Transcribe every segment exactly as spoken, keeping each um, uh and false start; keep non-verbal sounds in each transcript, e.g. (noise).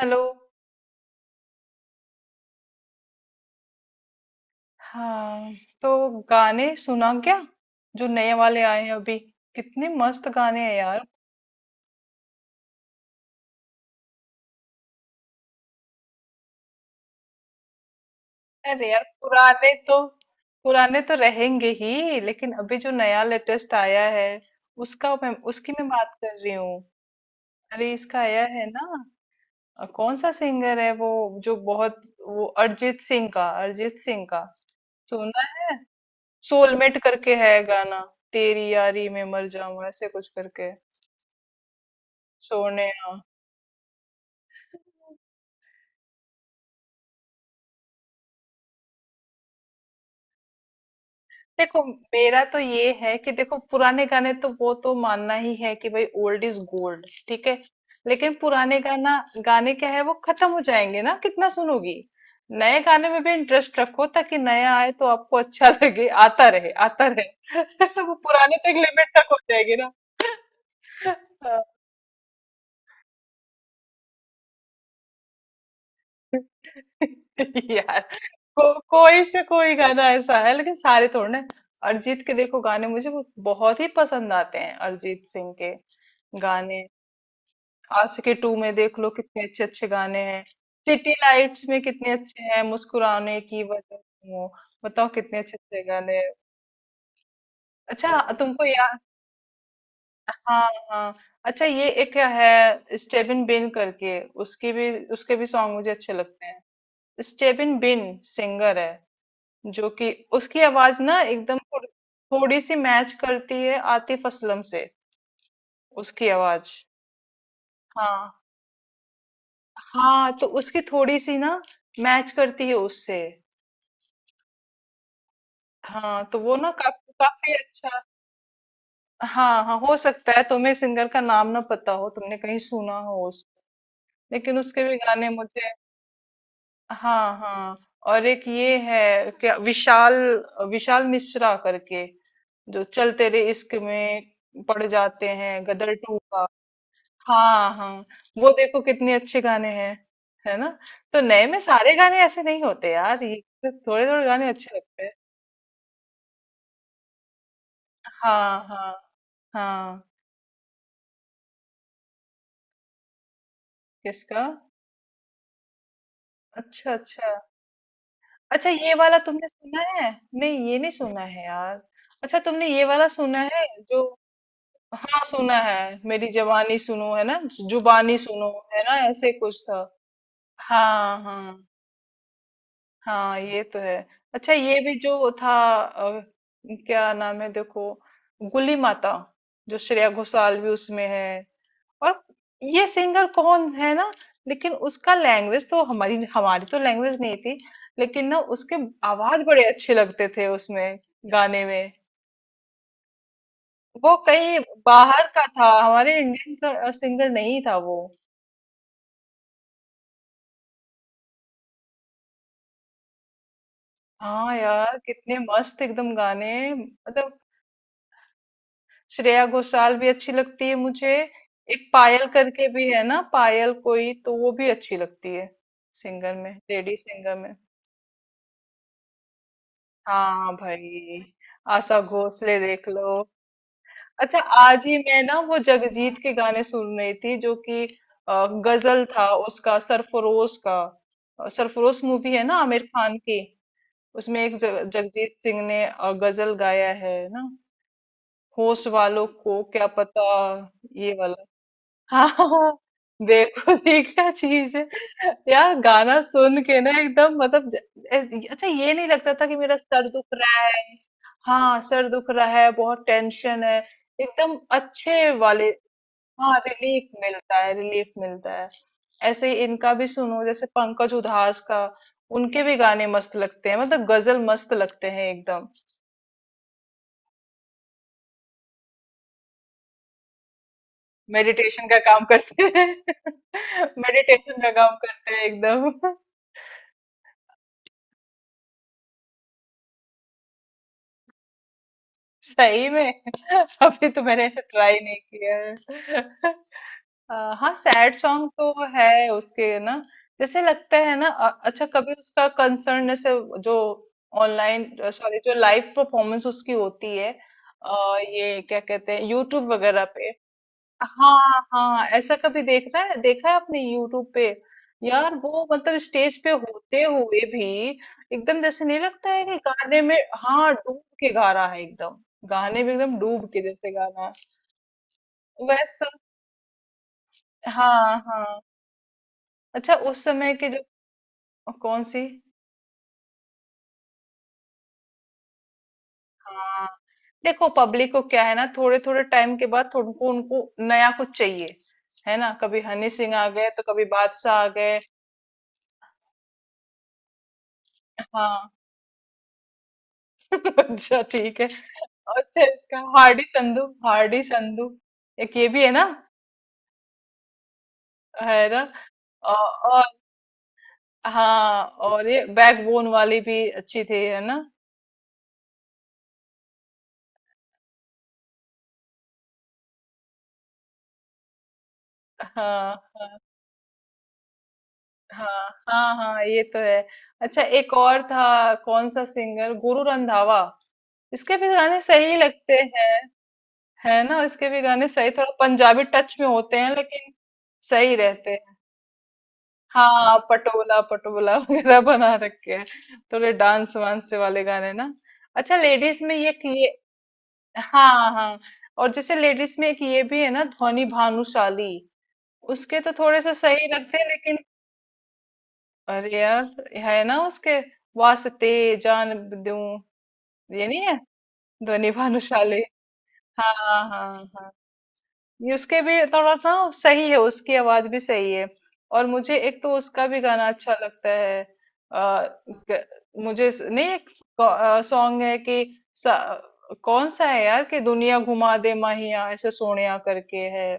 Hello. हाँ। तो गाने सुना क्या। जो नए वाले आए हैं अभी। कितने मस्त गाने हैं यार। अरे यार, पुराने तो पुराने तो रहेंगे ही, लेकिन अभी जो नया लेटेस्ट आया है उसका मैं उसकी मैं बात कर रही हूँ। अरे इसका आया है ना। अ, कौन सा सिंगर है वो जो बहुत, वो अरिजीत सिंह का अरिजीत सिंह का सुना। सोलमेट करके है गाना। तेरी यारी में मर जाऊं, ऐसे कुछ करके। सोने। देखो मेरा तो ये है कि देखो, पुराने गाने तो वो तो मानना ही है कि भाई ओल्ड इज गोल्ड, ठीक है। लेकिन पुराने गाना गाने क्या है, वो खत्म हो जाएंगे ना। कितना सुनोगी। नए गाने में भी इंटरेस्ट रखो ताकि नया आए तो आपको अच्छा (laughs) लगे, आता रहे आता रहे (laughs) तो वो पुराने तो एक लिमिट तक हो जाएगी ना। हाँ। (laughs) यार को, कोई से कोई गाना ऐसा है, लेकिन सारे थोड़े ना। अरिजीत के देखो गाने मुझे बहुत ही पसंद आते हैं, अरिजीत सिंह के गाने। आशिकी टू में देख लो, कितने अच्छे अच्छे गाने हैं। सिटी लाइट्स में कितने अच्छे हैं, मुस्कुराने की वजह वो, बताओ कितने अच्छे अच्छे गाने हैं। अच्छा तुमको याद, हाँ हाँ। अच्छा ये एक है, स्टेबिन बिन करके, उसकी भी उसके भी सॉन्ग मुझे अच्छे लगते हैं। स्टेबिन बिन सिंगर है, जो कि उसकी आवाज ना एकदम थोड़ी, थोड़ी सी मैच करती है आतिफ असलम से, उसकी आवाज। हाँ हाँ, तो उसकी थोड़ी सी ना मैच करती है उससे। हाँ तो वो ना काफी काफी अच्छा। हाँ हाँ, हो सकता है तुम्हें सिंगर का नाम ना पता हो, तुमने कहीं सुना हो उस, लेकिन उसके भी गाने मुझे। हाँ हाँ। और एक ये है क्या विशाल, विशाल मिश्रा करके, जो चल तेरे इश्क में पड़ जाते हैं, गदर टू का। हाँ हाँ। वो देखो कितने अच्छे गाने हैं, है ना। तो नए में सारे गाने ऐसे नहीं होते यार, ये थोड़े थोड़े गाने अच्छे लगते हैं। हाँ हाँ हाँ। किसका। अच्छा अच्छा। अच्छा ये वाला तुमने सुना है। नहीं ये नहीं सुना है यार। अच्छा तुमने ये वाला सुना है जो, हाँ सुना है। मेरी जवानी सुनो है ना, जुबानी सुनो है ना, ऐसे कुछ था। हाँ हाँ हाँ, ये तो है। अच्छा ये भी जो था, अ, क्या नाम है देखो, गुली माता, जो श्रेया घोषाल भी उसमें है। और ये सिंगर कौन है ना, लेकिन उसका लैंग्वेज तो हमारी हमारी तो लैंग्वेज नहीं थी, लेकिन ना उसके आवाज बड़े अच्छे लगते थे उसमें, गाने में। वो कहीं बाहर का था, हमारे इंडियन का सिंगर नहीं था वो। हाँ यार कितने मस्त एकदम गाने, मतलब। श्रेया घोषाल भी अच्छी लगती है मुझे। एक पायल करके भी है ना, पायल कोई, तो वो भी अच्छी लगती है, सिंगर में, लेडी सिंगर में। हाँ भाई, आशा भोसले देख लो। अच्छा आज ही मैं ना वो जगजीत के गाने सुन रही थी, जो कि अ, गजल था उसका, सरफरोश का। अ, सरफरोश मूवी है ना, आमिर खान की। उसमें एक जग, जगजीत सिंह ने अ, गजल गाया है ना, होश वालों को क्या पता, ये वाला। हाँ हाँ, देखो ये क्या चीज है। यार गाना सुन के ना एकदम मतलब ज- ए- अच्छा, ये नहीं लगता था कि मेरा सर दुख रहा है। हाँ सर दुख रहा है, बहुत टेंशन है, एकदम अच्छे वाले। हाँ रिलीफ मिलता है, रिलीफ मिलता है। ऐसे ही इनका भी सुनो, जैसे पंकज उधास का, उनके भी गाने मस्त लगते हैं, मतलब गजल मस्त लगते हैं एकदम। मेडिटेशन का काम करते हैं। (laughs) मेडिटेशन का काम करते हैं एकदम। (laughs) सही में। (laughs) अभी तो मैंने ऐसे ट्राई नहीं किया है। (laughs) अ, हाँ सैड सॉन्ग तो है उसके ना। जैसे लगता है ना, अ- अच्छा, कभी उसका कंसर्न जैसे जो ऑनलाइन, सॉरी, जो लाइव परफॉर्मेंस उसकी होती है, आ, ये क्या कहते हैं, यूट्यूब वगैरह पे। हाँ हाँ, ऐसा कभी देख रहा है, देखा है आपने यूट्यूब पे। यार वो मतलब स्टेज पे होते हुए भी एकदम, जैसे नहीं लगता है कि गाने में, हाँ डूब के गा रहा है एकदम, गाने में एकदम डूब के जैसे गा रहा है वैसा। हाँ हाँ। अच्छा उस समय के जो, कौन सी। हाँ देखो जी, पब्लिक को क्या है ना, थोड़े थोड़े टाइम के बाद उनको उनको नया कुछ चाहिए, है ना। कभी हनी सिंह आ गए, तो कभी बादशाह आ गए। हाँ। (laughs) अच्छा ठीक है। अच्छा इसका हार्डी संधू, हार्डी संधू, एक ये भी है ना, है ना। और, और, हाँ और ये बैकबोन वाली भी अच्छी थी, है ना। हाँ हाँ हाँ हाँ, ये तो है। अच्छा एक और था, कौन सा सिंगर, गुरु रंधावा, इसके भी गाने सही लगते हैं, है ना। इसके भी गाने सही, थोड़ा पंजाबी टच में होते हैं, लेकिन सही रहते हैं। हाँ पटोला पटोला वगैरह बना रखे हैं, थोड़े डांस वांस वाले गाने ना। अच्छा लेडीज में ये कि, ये हाँ हाँ, और जैसे लेडीज में एक ये भी है ना, ध्वनि भानुशाली, उसके तो थोड़े से सही लगते हैं लेकिन। अरे यार है ना उसके, वास्ते जान दूं, ये नहीं है, ध्वनि भानुशाली। हाँ हाँ, ये उसके भी थोड़ा सा सही है, उसकी आवाज भी सही है। और मुझे एक तो उसका भी गाना अच्छा लगता है। आ, क- मुझे स- नहीं एक सॉन्ग है, कि सा- कौन सा है यार, कि दुनिया घुमा दे माहिया, ऐसे सोनिया करके है।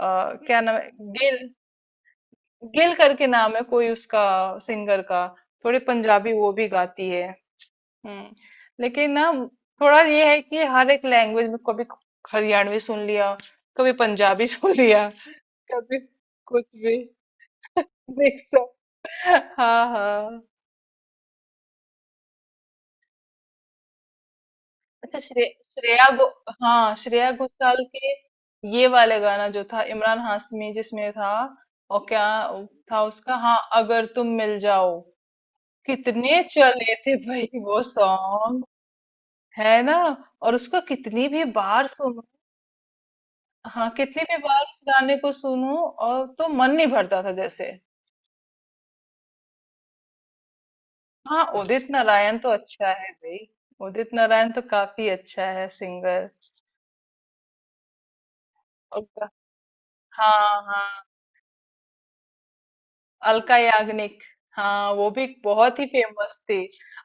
आ, क्या नाम है, गिल, गिल करके नाम है कोई उसका, सिंगर का। थोड़ी पंजाबी वो भी गाती है। हम्म। लेकिन ना थोड़ा ये है कि हर एक लैंग्वेज में, कभी हरियाणवी सुन लिया, कभी पंजाबी (laughs) सुन लिया, कभी कुछ भी देख सक। हाँ हाँ। अच्छा श्रे, श्रेया गो हाँ श्रेया घोषाल के, ये वाले गाना जो था, इमरान हाशमी जिसमें था, और क्या था उसका, हाँ अगर तुम मिल जाओ। कितने चले थे भाई वो सॉन्ग, है ना, और उसको कितनी भी बार सुनो। हाँ कितनी भी बार उस गाने को सुनो और तो मन नहीं भरता था जैसे। हाँ उदित नारायण तो अच्छा है भाई, उदित नारायण तो काफी अच्छा है सिंगर। और का- हाँ हाँ, अलका याग्निक, हाँ वो भी बहुत ही फेमस थी।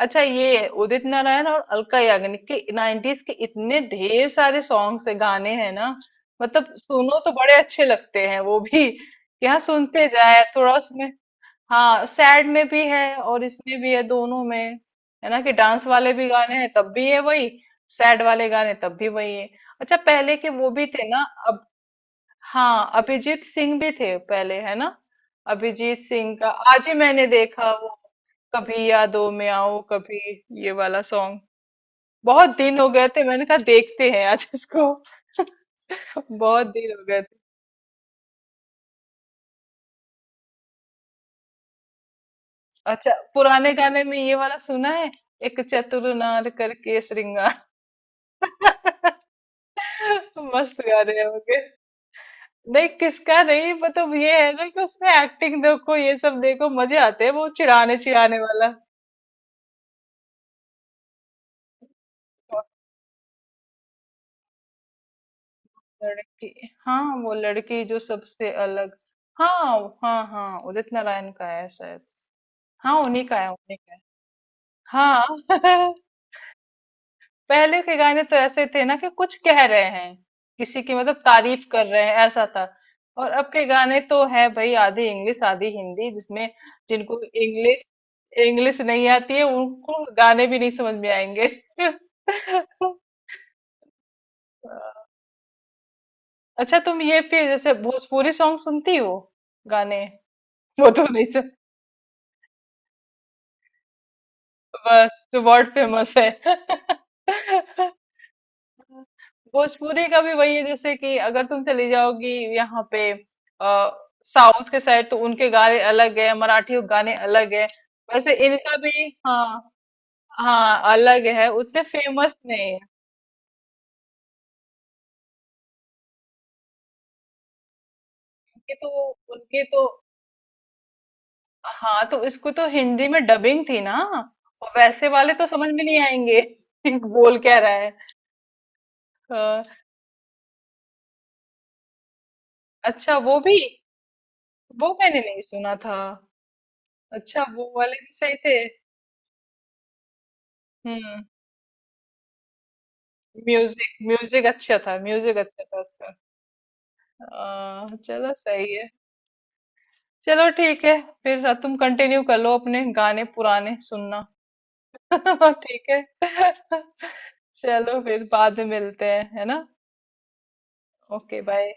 अच्छा ये उदित नारायण और अलका याग्निक के नाइंटीज़ के इतने ढेर सारे सॉन्ग्स है, गाने हैं ना, मतलब सुनो तो बड़े अच्छे लगते हैं वो भी। यहाँ सुनते जाए थोड़ा उसमें। हाँ सैड में भी है और इसमें भी है, दोनों में, है ना कि डांस वाले भी गाने हैं तब भी है वही, सैड वाले गाने तब भी वही है। अच्छा पहले के वो भी थे ना, अब हाँ अभिजीत सिंह भी थे पहले, है ना। अभिजीत सिंह का आज ही मैंने देखा, वो कभी यादों में आओ कभी, ये वाला सॉन्ग, बहुत दिन हो गए थे, मैंने कहा देखते हैं आज इसको। (laughs) बहुत दिन हो गए थे। अच्छा पुराने गाने में ये वाला सुना है, एक चतुर नार करके श्रृंगार। (laughs) मस्त गाने होंगे। नहीं किसका नहीं, मतलब ये है ना कि उसमें एक्टिंग देखो, ये सब देखो मजे आते हैं, वो चिढ़ाने चिढ़ाने वाला और लड़की, हाँ वो लड़की जो सबसे अलग। हाँ हाँ, हाँ उदित नारायण का है शायद, हाँ उन्हीं का है, उन्हीं का है। हाँ। (laughs) पहले के गाने तो ऐसे थे ना, कि कुछ कह रहे हैं, किसी की मतलब तारीफ कर रहे हैं, ऐसा था। और अब के गाने तो है भाई आधी इंग्लिश आधी हिंदी जिसमें, जिनको इंग्लिश इंग्लिश नहीं आती है, उनको गाने भी नहीं समझ में आएंगे। (laughs) अच्छा तुम ये फिर जैसे भोजपुरी सॉन्ग सुनती हो, गाने, वो तो नहीं सुन, बस जो वर्ल्ड फेमस है। (laughs) भोजपुरी का भी वही है जैसे कि अगर तुम चली जाओगी यहाँ पे। आ, साउथ के साइड तो उनके गाने अलग है, मराठी गाने अलग है, वैसे इनका भी, हाँ हाँ अलग है, उतने फेमस नहीं है। उनके तो उनके तो, हाँ तो इसको तो हिंदी में डबिंग थी ना, और वैसे वाले तो समझ में नहीं आएंगे (laughs) कि बोल क्या रहा है। हाँ, अच्छा वो भी, वो मैंने नहीं सुना था। अच्छा वो वाले भी सही थे। हम्म। म्यूजिक म्यूजिक अच्छा था, म्यूजिक अच्छा था उसका। आ, चलो सही है। चलो ठीक है फिर, अ, तुम कंटिन्यू कर लो अपने गाने पुराने सुनना। (laughs) ठीक है। (laughs) चलो फिर बाद में मिलते हैं है ना। Okay bye.